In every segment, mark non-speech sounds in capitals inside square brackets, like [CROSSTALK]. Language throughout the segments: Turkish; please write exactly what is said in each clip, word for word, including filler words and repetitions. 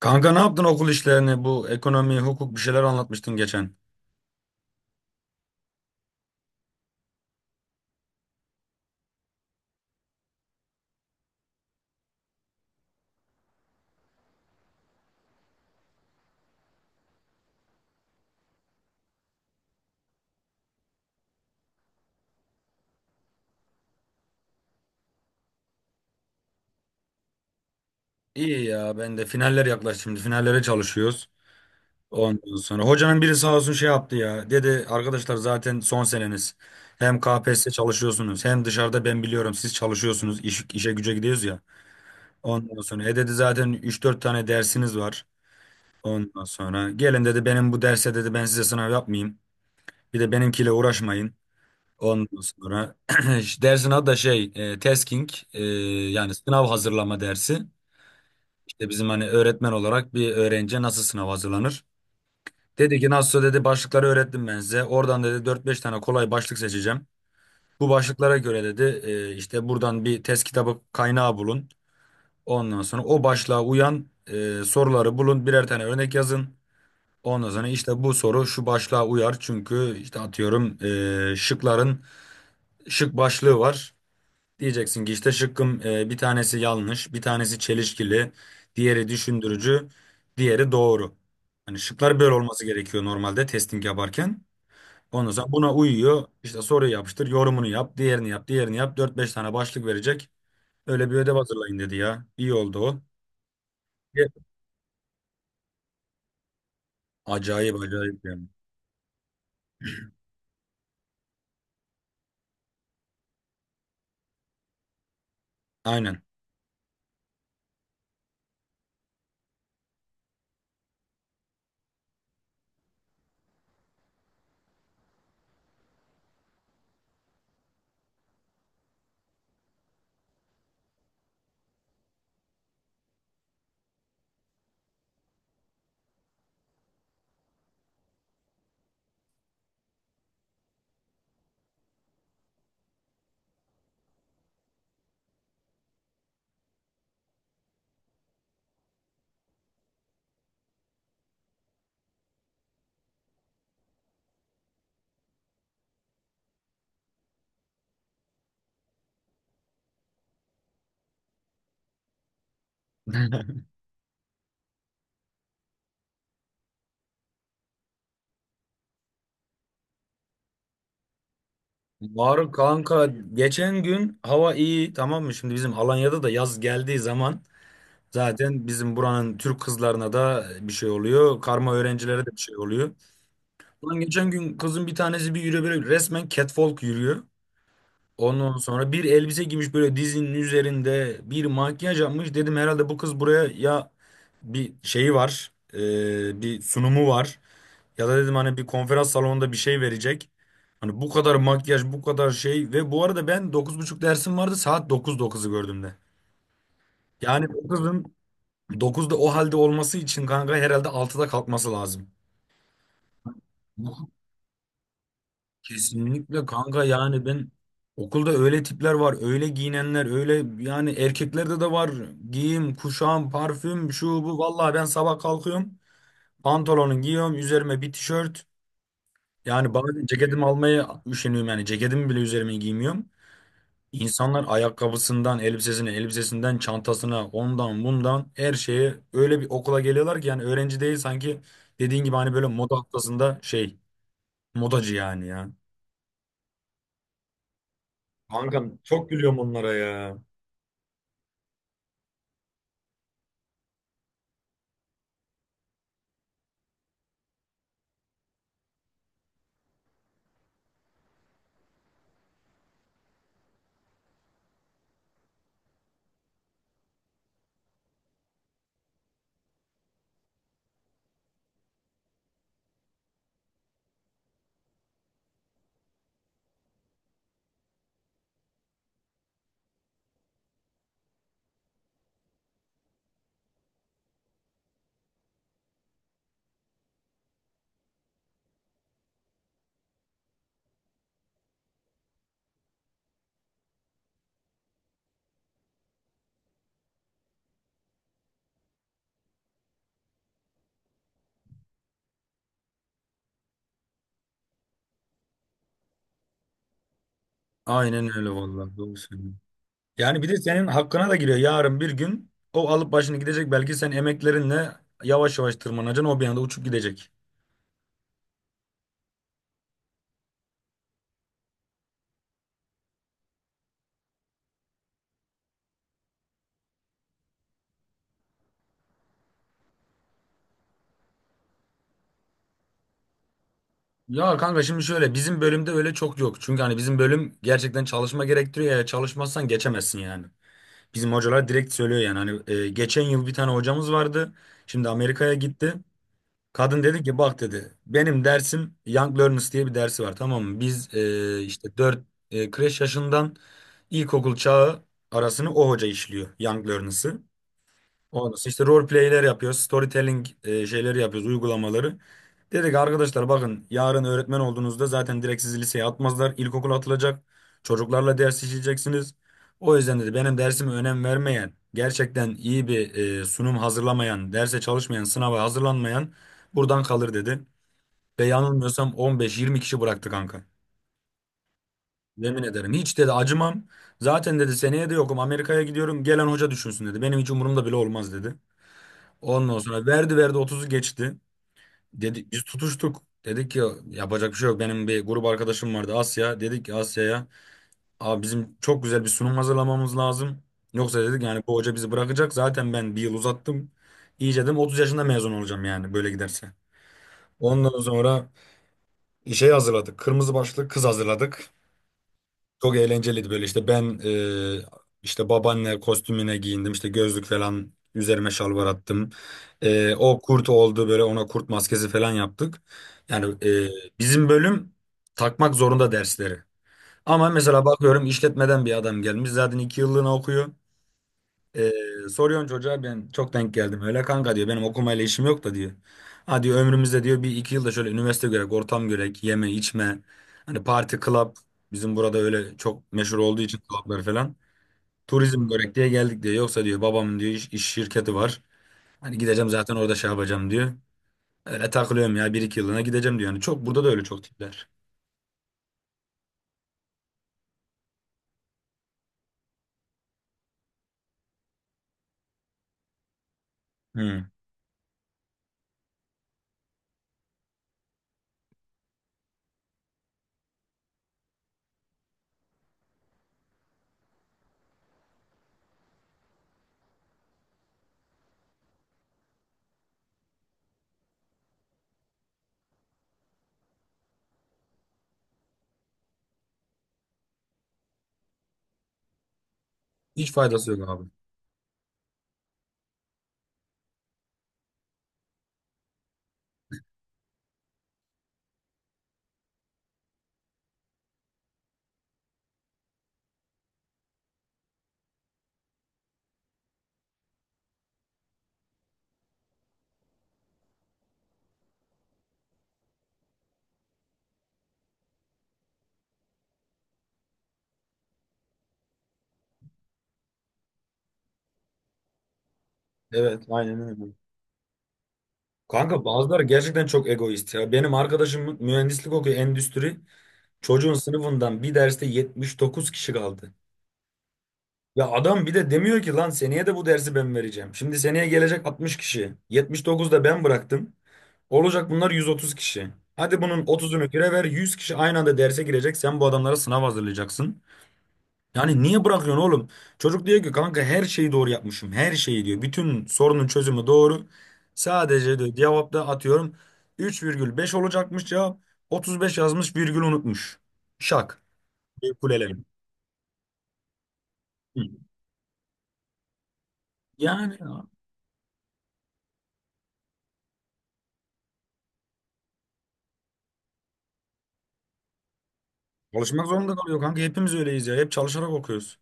Kanka ne yaptın okul işlerini? Bu ekonomi, hukuk bir şeyler anlatmıştın geçen. İyi ya ben de finaller yaklaştı şimdi. Finallere çalışıyoruz. Ondan sonra hocanın biri sağ olsun şey yaptı ya. Dedi arkadaşlar zaten son seneniz. Hem K P S S çalışıyorsunuz hem dışarıda ben biliyorum siz çalışıyorsunuz. İş, işe güce gidiyoruz ya. Ondan sonra e dedi zaten üç dört tane dersiniz var. Ondan sonra gelin dedi benim bu derse dedi ben size sınav yapmayayım. Bir de benimkiyle uğraşmayın. Ondan sonra [CLEARS THROAT] işte dersin adı da şey e, tasking e, yani sınav hazırlama dersi. İşte bizim hani öğretmen olarak bir öğrenciye nasıl sınav hazırlanır? Dedi ki nasıl dedi başlıkları öğrettim ben size. Oradan dedi dört beş tane kolay başlık seçeceğim. Bu başlıklara göre dedi e, işte buradan bir test kitabı kaynağı bulun. Ondan sonra o başlığa uyan e, soruları bulun. Birer tane örnek yazın. Ondan sonra işte bu soru şu başlığa uyar. Çünkü işte atıyorum e, şıkların şık başlığı var. Diyeceksin ki işte şıkkım e, bir tanesi yanlış, bir tanesi çelişkili, diğeri düşündürücü, diğeri doğru. Hani şıklar böyle olması gerekiyor normalde testing yaparken. Ondan sonra buna uyuyor. İşte soruyu yapıştır, yorumunu yap, diğerini yap, diğerini yap. Dört beş tane başlık verecek. Öyle bir ödev hazırlayın dedi ya. İyi oldu o. Ye- Acayip acayip yani. Aynen. Var kanka, geçen gün hava iyi tamam mı? Şimdi bizim Alanya'da da yaz geldiği zaman zaten bizim buranın Türk kızlarına da bir şey oluyor. Karma öğrencilere de bir şey oluyor. Ulan geçen gün kızın bir tanesi bir yürüyor böyle, resmen catwalk yürüyor. Ondan sonra bir elbise giymiş böyle dizinin üzerinde, bir makyaj yapmış. Dedim herhalde bu kız buraya ya bir şeyi var, e, bir sunumu var. Ya da dedim hani bir konferans salonunda bir şey verecek. Hani bu kadar makyaj, bu kadar şey, ve bu arada ben dokuz buçuk dersim vardı, saat dokuz dokuzu gördüm de. Yani bu kızın dokuzda o halde olması için kanka, herhalde altıda kalkması lazım. Bu Kesinlikle kanka, yani ben okulda öyle tipler var, öyle giyinenler, öyle, yani erkeklerde de var. Giyim, kuşam, parfüm, şu bu. Vallahi ben sabah kalkıyorum, pantolonu giyiyorum, üzerime bir tişört. Yani bazen ceketimi almaya üşeniyorum, yani ceketimi bile üzerime giymiyorum. İnsanlar ayakkabısından elbisesine, elbisesinden çantasına, ondan bundan her şeye öyle bir okula geliyorlar ki, yani öğrenci değil sanki, dediğin gibi hani böyle moda haftasında şey, modacı yani ya. Kankam çok gülüyorum onlara ya. Aynen öyle vallahi, doğru söylüyorsun. Yani bir de senin hakkına da giriyor, yarın bir gün o alıp başını gidecek belki, sen emeklerinle yavaş yavaş tırmanacaksın, o bir anda uçup gidecek. Ya kanka şimdi şöyle, bizim bölümde öyle çok yok. Çünkü hani bizim bölüm gerçekten çalışma gerektiriyor ya, çalışmazsan geçemezsin yani. Bizim hocalar direkt söylüyor yani, hani e, geçen yıl bir tane hocamız vardı. Şimdi Amerika'ya gitti. Kadın dedi ki bak dedi benim dersim Young Learners diye bir dersi var tamam mı? Biz e, işte dört kreş yaşından ilkokul çağı arasını o hoca işliyor, Young Learners'ı. Ondan sonra işte role play'ler yapıyoruz. Storytelling e, şeyleri yapıyoruz, uygulamaları. Dedik arkadaşlar bakın yarın öğretmen olduğunuzda zaten direkt sizi liseye atmazlar. İlkokul atılacak. Çocuklarla ders işleyeceksiniz. O yüzden dedi benim dersime önem vermeyen, gerçekten iyi bir e, sunum hazırlamayan, derse çalışmayan, sınava hazırlanmayan buradan kalır dedi. Ve yanılmıyorsam on beş yirmi kişi bıraktı kanka. Yemin ederim hiç dedi acımam. Zaten dedi seneye de yokum, Amerika'ya gidiyorum, gelen hoca düşünsün dedi. Benim hiç umurumda bile olmaz dedi. Ondan sonra verdi verdi otuzu geçti. Dedi biz tutuştuk. Dedik ki yapacak bir şey yok. Benim bir grup arkadaşım vardı, Asya. Dedik ki Asya'ya, abi bizim çok güzel bir sunum hazırlamamız lazım. Yoksa dedik yani bu hoca bizi bırakacak. Zaten ben bir yıl uzattım. İyice dedim otuz yaşında mezun olacağım yani böyle giderse. Ondan sonra işe hazırladık. Kırmızı başlık kız hazırladık. Çok eğlenceliydi böyle, işte ben e, işte babaanne kostümüne giyindim, işte gözlük falan üzerime, şalvar attım. E, o kurt oldu böyle, ona kurt maskesi falan yaptık. Yani e, bizim bölüm takmak zorunda dersleri. Ama mesela bakıyorum işletmeden bir adam gelmiş, zaten iki yıllığına okuyor. Ee, Soruyorsun çocuğa, ben çok denk geldim. Öyle kanka diyor, benim okumayla işim yok da diyor. Ha diyor ömrümüzde diyor bir iki yılda şöyle üniversite görek, ortam görek, yeme içme. Hani parti, club, bizim burada öyle çok meşhur olduğu için clublar falan. Turizm görek diye geldik diyor. Yoksa diyor babamın diyor iş, iş şirketi var. Hani gideceğim zaten orada şey yapacağım diyor. Öyle takılıyorum ya, bir iki yılına gideceğim diyor. Yani çok burada da öyle çok tipler. Hmm. Hiç faydası yok abi. Evet, aynen öyle. Kanka bazıları gerçekten çok egoist ya. Benim arkadaşım mühendislik okuyor, endüstri. Çocuğun sınıfından bir derste yetmiş dokuz kişi kaldı. Ya adam bir de demiyor ki lan seneye de bu dersi ben vereceğim. Şimdi seneye gelecek altmış kişi, yetmiş dokuz da ben bıraktım. Olacak bunlar yüz otuz kişi. Hadi bunun otuzunu kire ver, yüz kişi aynı anda derse girecek. Sen bu adamlara sınav hazırlayacaksın. Yani niye bırakıyorsun oğlum? Çocuk diyor ki kanka her şeyi doğru yapmışım. Her şeyi diyor. Bütün sorunun çözümü doğru. Sadece diyor cevapta, atıyorum, üç virgül beş olacakmış cevap. Otuz beş yazmış, virgül unutmuş. Şak. Bir kuleleme. Hı. Yani çalışmak zorunda kalıyor kanka. Hepimiz öyleyiz ya. Hep çalışarak okuyoruz.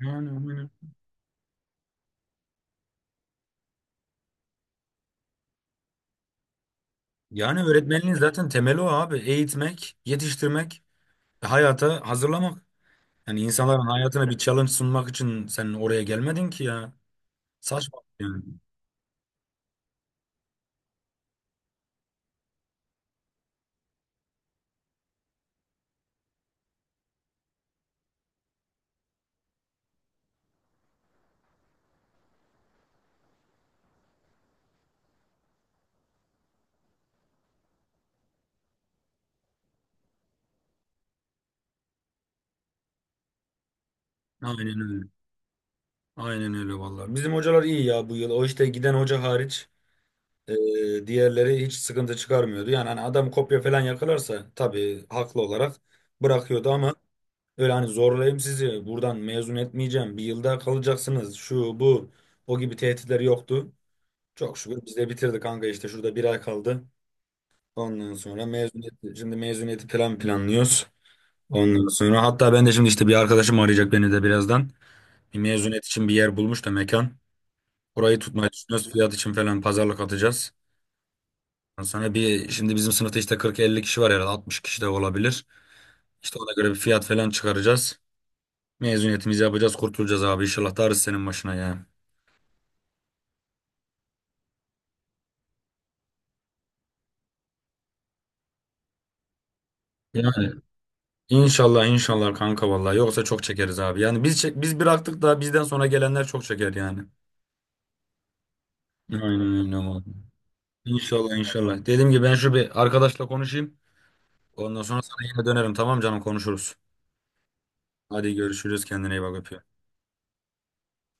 Yani, aynen. Yani öğretmenliğin zaten temeli o abi. Eğitmek, yetiştirmek, hayata hazırlamak. Yani insanların hayatına bir challenge sunmak için sen oraya gelmedin ki ya. Saçma yani. Aynen öyle. Aynen öyle vallahi. Bizim hocalar iyi ya bu yıl. O işte giden hoca hariç e, diğerleri hiç sıkıntı çıkarmıyordu. Yani hani adam kopya falan yakalarsa tabii haklı olarak bırakıyordu, ama öyle hani zorlayayım sizi, buradan mezun etmeyeceğim, bir yılda kalacaksınız, şu bu, o gibi tehditler yoktu. Çok şükür biz de bitirdik kanka, işte şurada bir ay kaldı. Ondan sonra mezuniyet, şimdi mezuniyeti plan planlıyoruz. Ondan sonra hatta ben de şimdi işte bir arkadaşım arayacak beni de birazdan. Bir mezuniyet için bir yer bulmuş da, mekan. Orayı tutmayı düşünüyoruz, fiyat için falan pazarlık atacağız. Ondan sonra bir şimdi bizim sınıfta işte kırk elli kişi var, herhalde altmış kişi de olabilir. İşte ona göre bir fiyat falan çıkaracağız. Mezuniyetimizi yapacağız, kurtulacağız abi. İnşallah da senin başına ya. Yani Yani inşallah inşallah kanka vallahi, yoksa çok çekeriz abi. Yani biz çek, biz bıraktık da bizden sonra gelenler çok çeker yani. Aynen öyle abi. İnşallah inşallah. Dediğim gibi ben şu bir arkadaşla konuşayım. Ondan sonra sana yine dönerim, tamam canım, konuşuruz. Hadi görüşürüz, kendine iyi bak, öpüyorum.